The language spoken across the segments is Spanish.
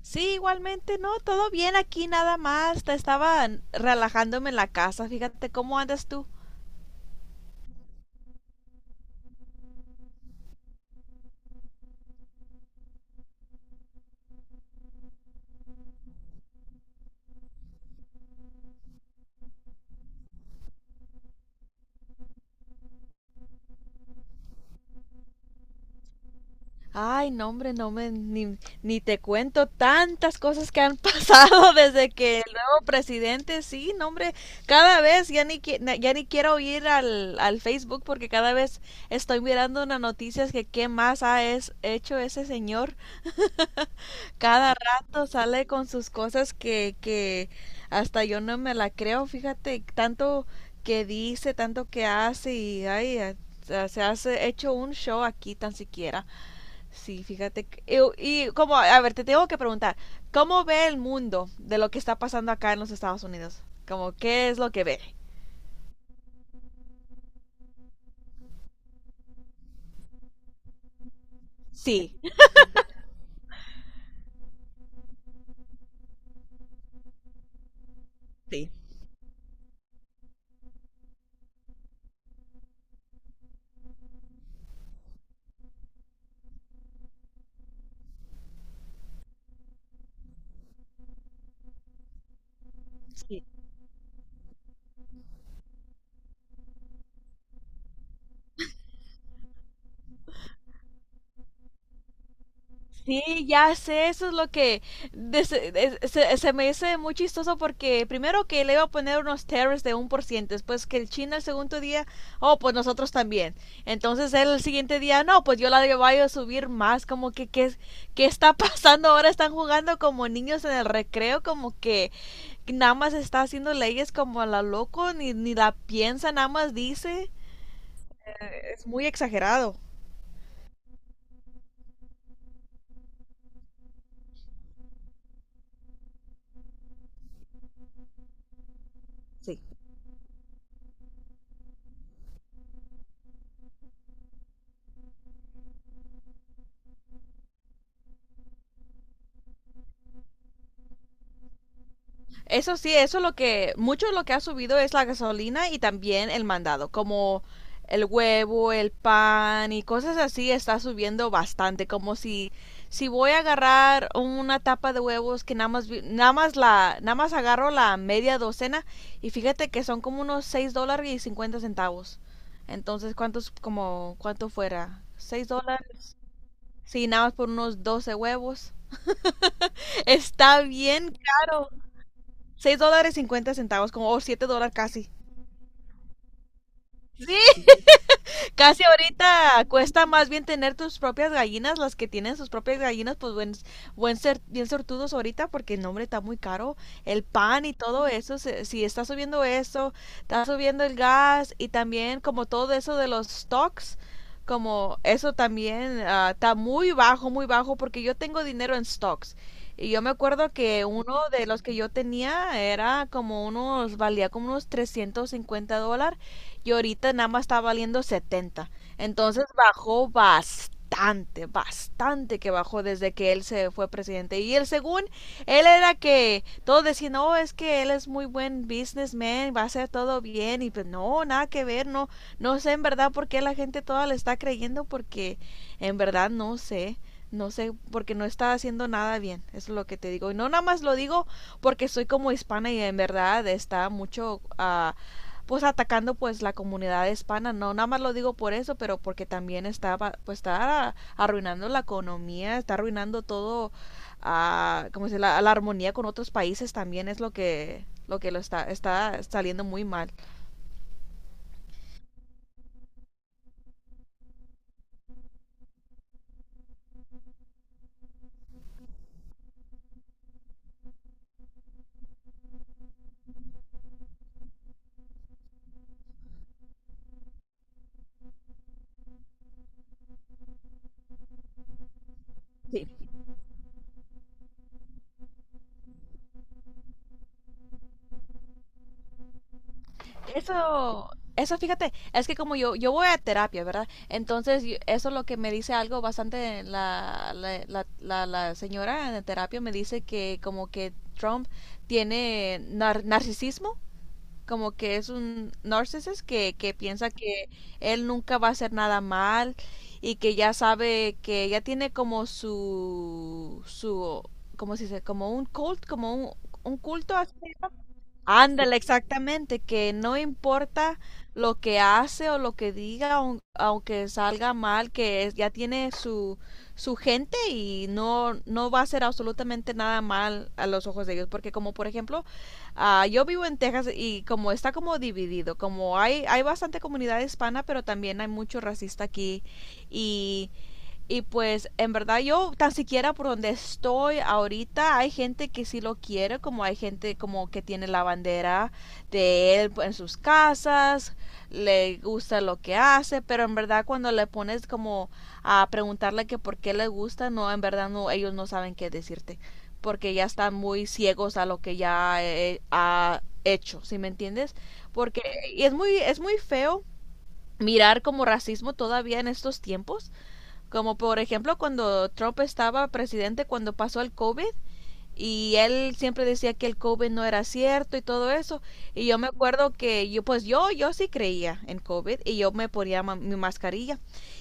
Sí, igualmente, no, todo bien aquí nada más. Te estaba relajándome en la casa. Fíjate cómo andas tú. Ay, no, hombre, no me ni te cuento tantas cosas que han pasado desde que el nuevo presidente, sí, no, hombre, cada vez ya ni quiero ir al Facebook, porque cada vez estoy mirando unas noticias que qué más ha hecho ese señor. Cada rato sale con sus cosas que hasta yo no me la creo, fíjate, tanto que dice, tanto que hace y ay, se hace hecho un show aquí tan siquiera. Sí, fíjate. Y como, a ver, te tengo que preguntar, ¿cómo ve el mundo de lo que está pasando acá en los Estados Unidos? Como, ¿qué es lo que ve? Sí, sí, sí. Sí, ya sé, eso es lo que de- se, se me hace muy chistoso, porque primero que le iba a poner unos tariffs de 1%, después que el China el segundo día, oh, pues nosotros también. Entonces él el siguiente día, no, pues yo la voy a subir más, como que qué, qué está pasando ahora, están jugando como niños en el recreo, como que nada más está haciendo leyes como a la loco, ni la piensa, nada más dice. Es muy exagerado. Sí. Eso sí, eso es lo que, mucho de lo que ha subido es la gasolina y también el mandado, como el huevo, el pan y cosas así está subiendo bastante. Como si voy a agarrar una tapa de huevos que nada más agarro la media docena y fíjate que son como unos $6.50. Entonces, ¿cuántos como cuánto fuera? ¿$6? Sí, nada más por unos 12 huevos. Está bien caro, $6.50, como, o 7 dólares casi. Sí, casi ahorita cuesta más bien tener tus propias gallinas. Las que tienen sus propias gallinas, pues buen, buen ser, bien sortudos ahorita, porque no, hombre, está muy caro. El pan y todo eso, si está subiendo eso, está subiendo el gas y también como todo eso de los stocks, como eso también está muy bajo, porque yo tengo dinero en stocks. Y yo me acuerdo que uno de los que yo tenía era como unos, valía como unos $350 y ahorita nada más está valiendo 70. Entonces bajó bastante, bastante que bajó desde que él se fue presidente. Y él, según él, era que todos decían, no, es que él es muy buen businessman, va a hacer todo bien. Y pues no, nada que ver. No no sé en verdad por qué la gente toda le está creyendo, porque en verdad no sé, porque no está haciendo nada bien, eso es lo que te digo. Y no nada más lo digo porque soy como hispana y en verdad está mucho, pues, atacando pues la comunidad hispana. No nada más lo digo por eso, pero porque también está, pues está arruinando la economía, está arruinando todo a, como dice, armonía con otros países. También es lo que lo está saliendo muy mal. Sí, eso eso fíjate, es que como yo voy a terapia, verdad, entonces eso es lo que me dice algo bastante la señora en terapia. Me dice que como que Trump tiene narcisismo, como que es un narcisista que piensa que él nunca va a hacer nada mal y que ya sabe que ya tiene como su cómo se dice, como un un culto así. Ándale, exactamente, que no importa lo que hace o lo que diga, aunque salga mal, que ya tiene su, su gente y no, no va a hacer absolutamente nada mal a los ojos de ellos. Porque, como por ejemplo, ah, yo vivo en Texas y como está como dividido, como hay bastante comunidad hispana, pero también hay mucho racista aquí. Y pues en verdad yo tan siquiera por donde estoy ahorita hay gente que sí lo quiere, como hay gente como que tiene la bandera de él en sus casas, le gusta lo que hace, pero en verdad cuando le pones como a preguntarle que por qué le gusta, no, en verdad no, ellos no saben qué decirte, porque ya están muy ciegos a lo que ya, ha hecho, ¿sí me entiendes? Porque, y es muy feo mirar como racismo todavía en estos tiempos, como por ejemplo, cuando Trump estaba presidente, cuando pasó el COVID, y él siempre decía que el COVID no era cierto y todo eso. Y yo me acuerdo que yo, pues yo sí creía en COVID y yo me ponía mi mascarilla.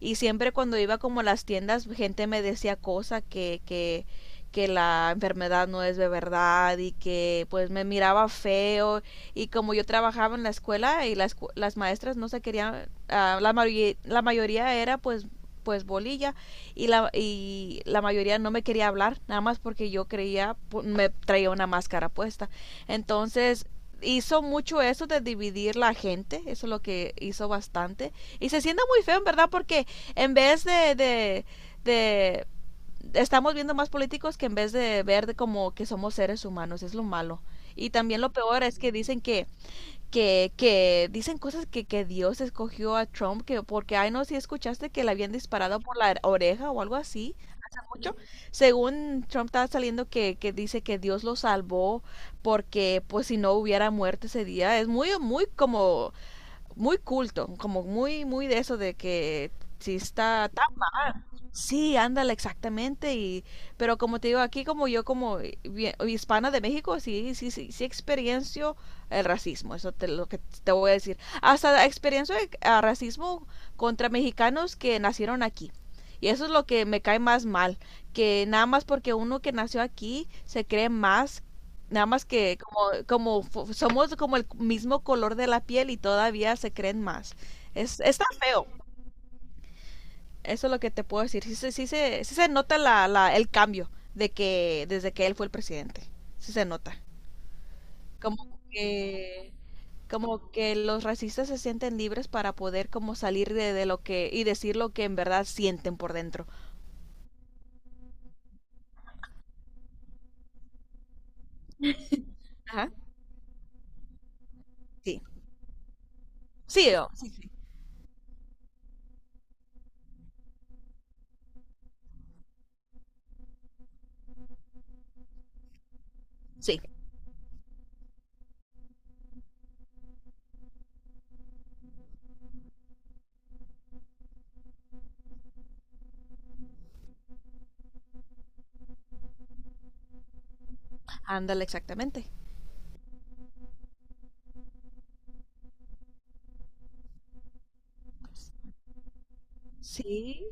Y siempre cuando iba como a las tiendas, gente me decía cosas que la enfermedad no es de verdad y que pues me miraba feo. Y como yo trabajaba en la escuela y las maestras no se querían, ah, la mayoría era, pues, bolilla, la mayoría no me quería hablar, nada más porque yo creía, me traía una máscara puesta. Entonces hizo mucho eso de dividir la gente, eso es lo que hizo bastante. Y se siente muy feo, en verdad, porque en vez de estamos viendo más políticos que, en vez de ver de como que somos seres humanos, es lo malo. Y también lo peor es que dicen que dicen cosas que Dios escogió a Trump, que porque, ay, no, si escuchaste que le habían disparado por la oreja o algo así, mucho. Según Trump, estaba saliendo que dice que Dios lo salvó porque, pues, si no hubiera muerto ese día. Es muy, muy como, muy culto, como muy, muy de eso de que si está tan. Sí, ándale, exactamente. Y, pero como te digo, aquí, como yo como hispana de México, sí, sí, sí, sí experiencio el racismo, eso te lo que te voy a decir. Hasta experiencio el, ah, racismo contra mexicanos que nacieron aquí. Y eso es lo que me cae más mal, que nada más porque uno que nació aquí se cree más, nada más que como, como somos como el mismo color de la piel y todavía se creen más. Es, está feo. Eso es lo que te puedo decir. Sí, sí se nota el cambio de que desde que él fue el presidente. Sí se nota. Como que, como que los racistas se sienten libres para poder como salir de lo que, y decir lo que en verdad sienten por dentro. Ajá. Sí. Sí, sí. Ándale, exactamente. Sí,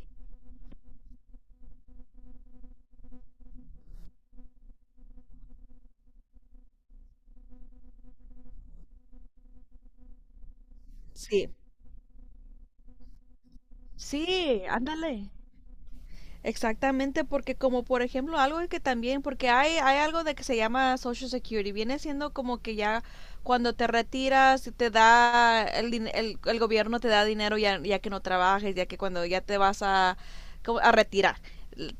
sí. Sí, ándale. Exactamente, porque como por ejemplo algo que también, porque hay algo de que se llama Social Security, viene siendo como que ya cuando te retiras te da, el gobierno te da dinero ya, que no trabajes, ya que cuando ya te vas a, como a retirar,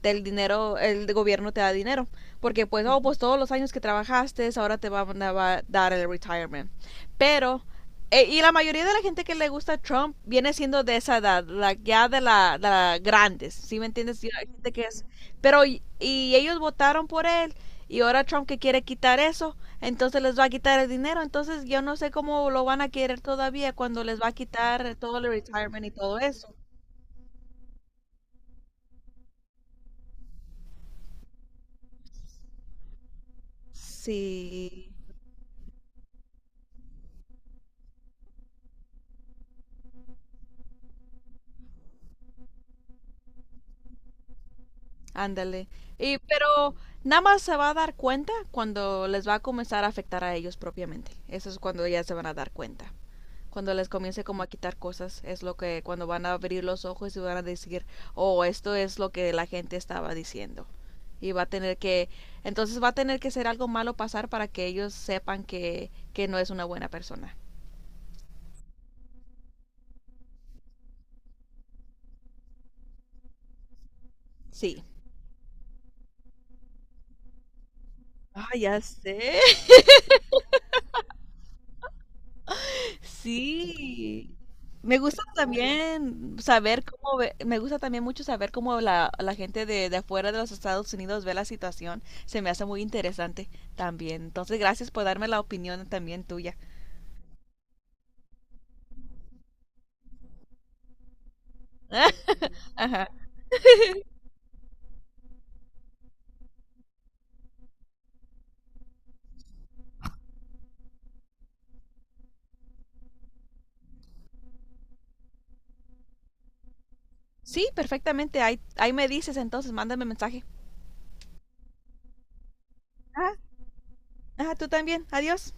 el dinero, el gobierno te da dinero, porque pues, oh, pues todos los años que trabajaste, ahora te van a dar el retirement. Pero, y la mayoría de la gente que le gusta a Trump viene siendo de esa edad, la, ya de la grandes, ¿sí me entiendes? Yo, hay gente que es, pero y ellos votaron por él, y ahora Trump que quiere quitar eso, entonces les va a quitar el dinero. Entonces yo no sé cómo lo van a querer todavía cuando les va a quitar todo el retirement y todo eso. Sí, ándale. Y pero nada más se va a dar cuenta cuando les va a comenzar a afectar a ellos propiamente. Eso es cuando ya se van a dar cuenta, cuando les comience como a quitar cosas, es lo que cuando van a abrir los ojos y van a decir, oh, esto es lo que la gente estaba diciendo. Y va a tener que, entonces va a tener que ser algo malo pasar para que ellos sepan que no es una buena persona. Sí. Ah, ya sé. Sí. Me gusta también saber cómo, me gusta también mucho saber cómo la gente de afuera de los Estados Unidos ve la situación. Se me hace muy interesante también. Entonces, gracias por darme la opinión también tuya. Ajá. Sí, perfectamente. Ahí me dices entonces, mándame mensaje. Ajá. Ajá, tú también. Adiós.